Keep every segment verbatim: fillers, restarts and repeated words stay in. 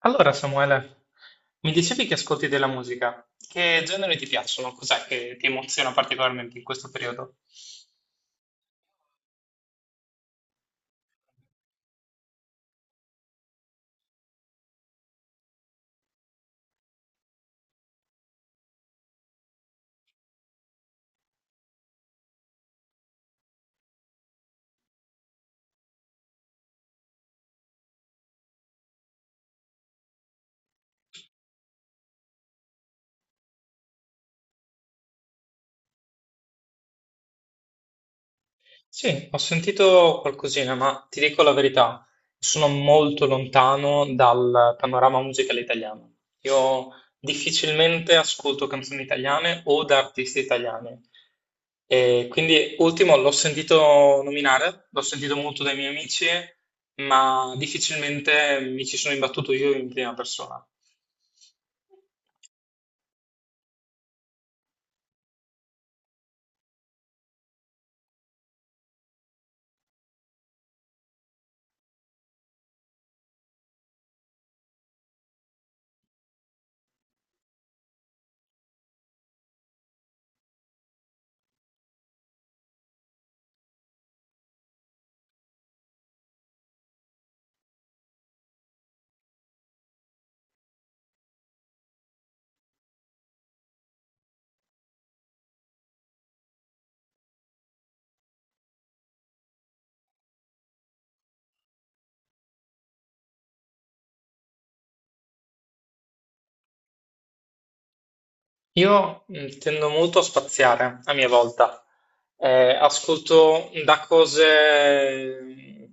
Allora, Samuele, mi dicevi che ascolti della musica. Che generi ti piacciono? Cos'è che ti emoziona particolarmente in questo periodo? Sì, ho sentito qualcosina, ma ti dico la verità, sono molto lontano dal panorama musicale italiano. Io difficilmente ascolto canzoni italiane o da artisti italiani. E quindi, ultimo, l'ho sentito nominare, l'ho sentito molto dai miei amici, ma difficilmente mi ci sono imbattuto io in prima persona. Io mm, tendo molto a spaziare a mia volta. Eh, ascolto da cose mm,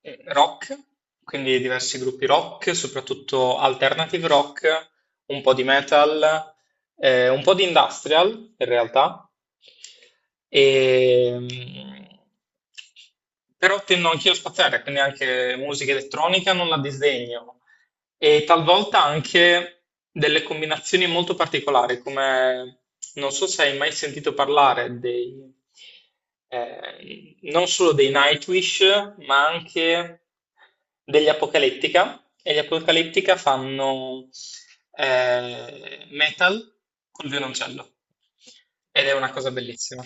eh, rock, quindi diversi gruppi rock, soprattutto alternative rock, un po' di metal, eh, un po' di industrial in realtà. E, mm, Però tendo anch'io a spaziare, quindi anche musica elettronica non la disdegno e talvolta anche delle combinazioni molto particolari, come non so se hai mai sentito parlare dei, eh, non solo dei Nightwish, ma anche degli Apocalyptica, e gli Apocalyptica fanno eh, metal col violoncello, ed è una cosa bellissima.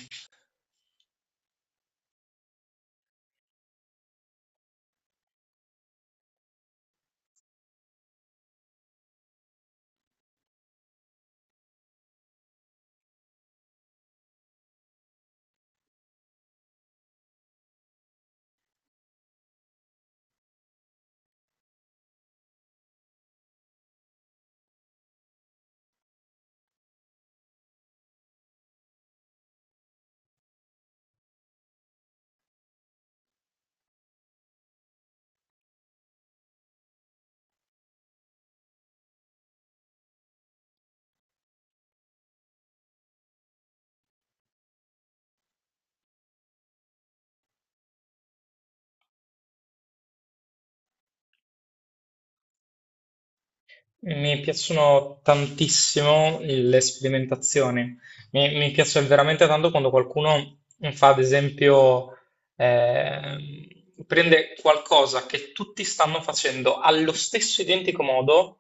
Mi piacciono tantissimo le sperimentazioni, mi, mi piace veramente tanto quando qualcuno fa, ad esempio, ehm, prende qualcosa che tutti stanno facendo allo stesso identico modo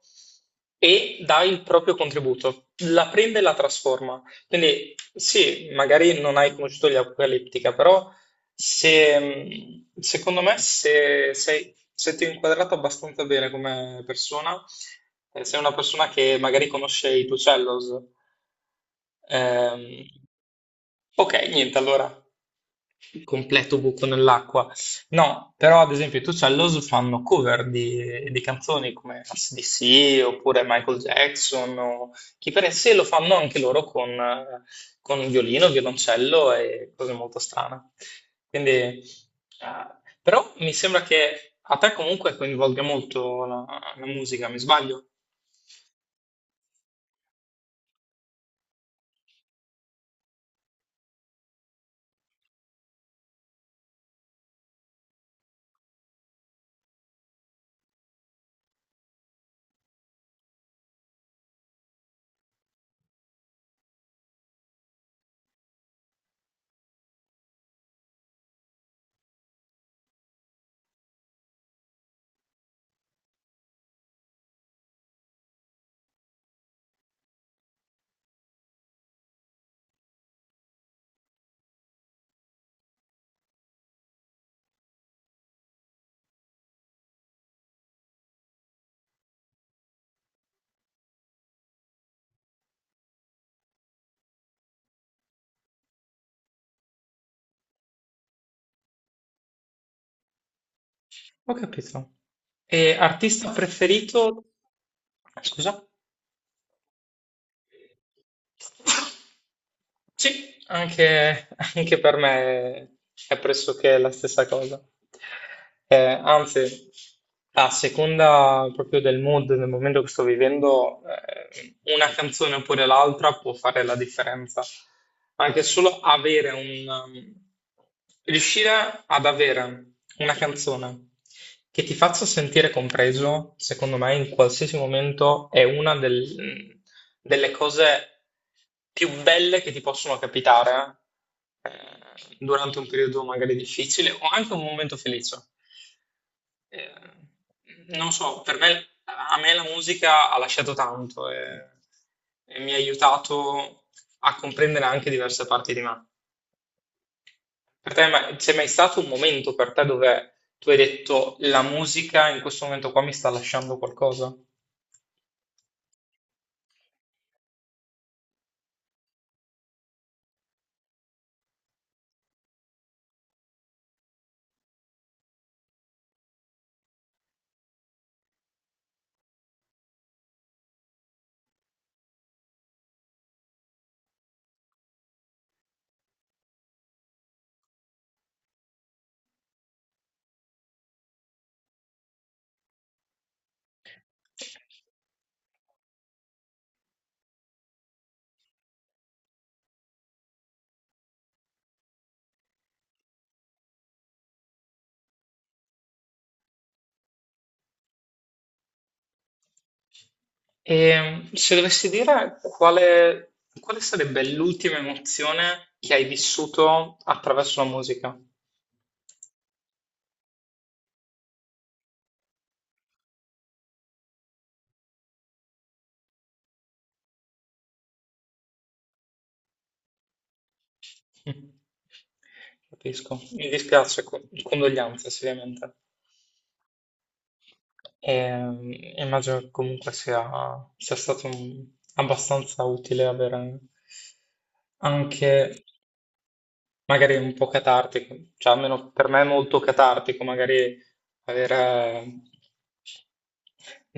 e dà il proprio contributo, la prende e la trasforma. Quindi sì, magari non hai conosciuto gli Apocalyptica, però se, mh, secondo me, se, sei- se ti ho inquadrato abbastanza bene come persona, eh, sei una persona che magari conosce i tuoi cellos. Ehm, ok, niente, allora completo buco nell'acqua. No, però ad esempio i Two Cellos fanno cover di, di canzoni come A C/D C oppure Michael Jackson o chi per sé lo fanno anche loro con, eh, con violino, violoncello e cose molto strane. Quindi, eh, Però mi sembra che a te comunque coinvolga molto la, la musica, mi sbaglio? Ho capito. E artista preferito? Scusa? Sì, anche, anche per me è pressoché la stessa cosa. Eh, anzi, a seconda proprio del mood, del momento che sto vivendo, eh, una canzone oppure l'altra può fare la differenza. Anche solo avere un, Riuscire ad avere una canzone che ti faccia sentire compreso, secondo me, in qualsiasi momento è una del- delle cose più belle che ti possono capitare eh, durante un periodo magari difficile o anche un momento felice. Eh, Non so, per me, a me la musica ha lasciato tanto e, e mi ha aiutato a comprendere anche diverse parti di me. Per te ma- c'è mai stato un momento per te dove tu hai detto la musica in questo momento qua mi sta lasciando qualcosa? E se dovessi dire quale, quale sarebbe l'ultima emozione che hai vissuto attraverso la musica? Mm, capisco, mi dispiace, co- condoglianze ovviamente. Ehm, Immagino che comunque sia, sia stato un- abbastanza utile avere anche magari un po' catartico, cioè almeno per me è molto catartico, magari aver, eh,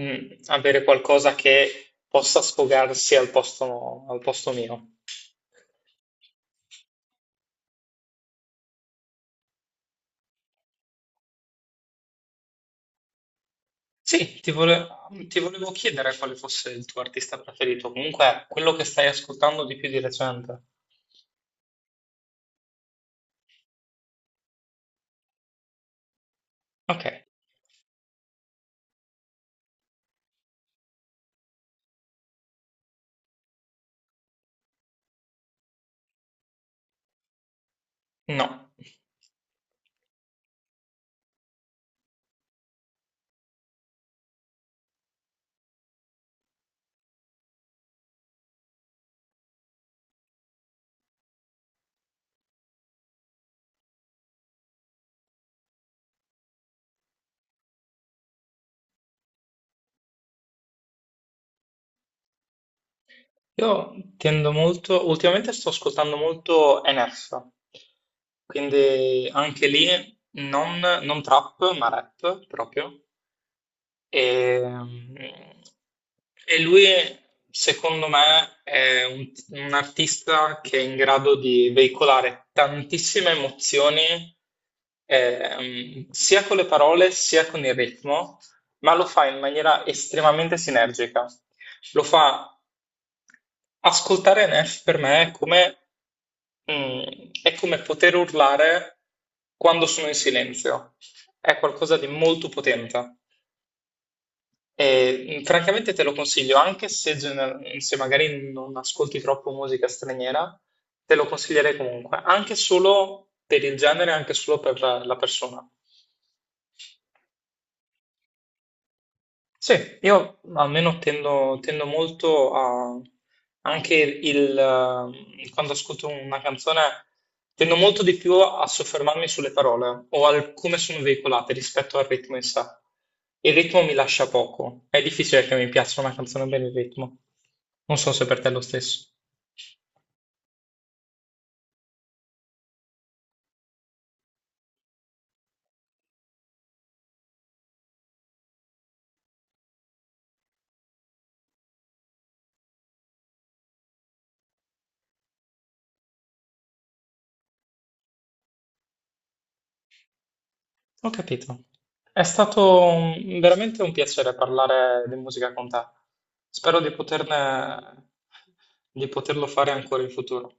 mm, avere qualcosa che possa sfogarsi al posto, al posto mio. Sì, ti vole- ti volevo chiedere quale fosse il tuo artista preferito, comunque quello che stai ascoltando di più di recente. Ok, no. Io tendo molto, ultimamente sto ascoltando molto N F, quindi anche lì non, non trap ma rap proprio, e, e lui, secondo me, è un, un artista che è in grado di veicolare tantissime emozioni, ehm, sia con le parole sia con il ritmo, ma lo fa in maniera estremamente sinergica. Lo fa ascoltare Neff per me è come, mm, è come poter urlare quando sono in silenzio. È qualcosa di molto potente. E, mh, francamente te lo consiglio, anche se, gener- se magari non ascolti troppo musica straniera, te lo consiglierei comunque, anche solo per il genere, anche solo per la la persona. Sì, io almeno tendo, tendo molto a... anche il... eh, quando ascolto una canzone, tendo molto di più a soffermarmi sulle parole o al come sono veicolate rispetto al ritmo in sé. Il ritmo mi lascia poco, è difficile che mi piaccia una canzone per il ritmo. Non so se per te è lo stesso. Ho capito. È stato un- veramente un piacere parlare di musica con te. Spero di poterne, di poterlo fare ancora in futuro.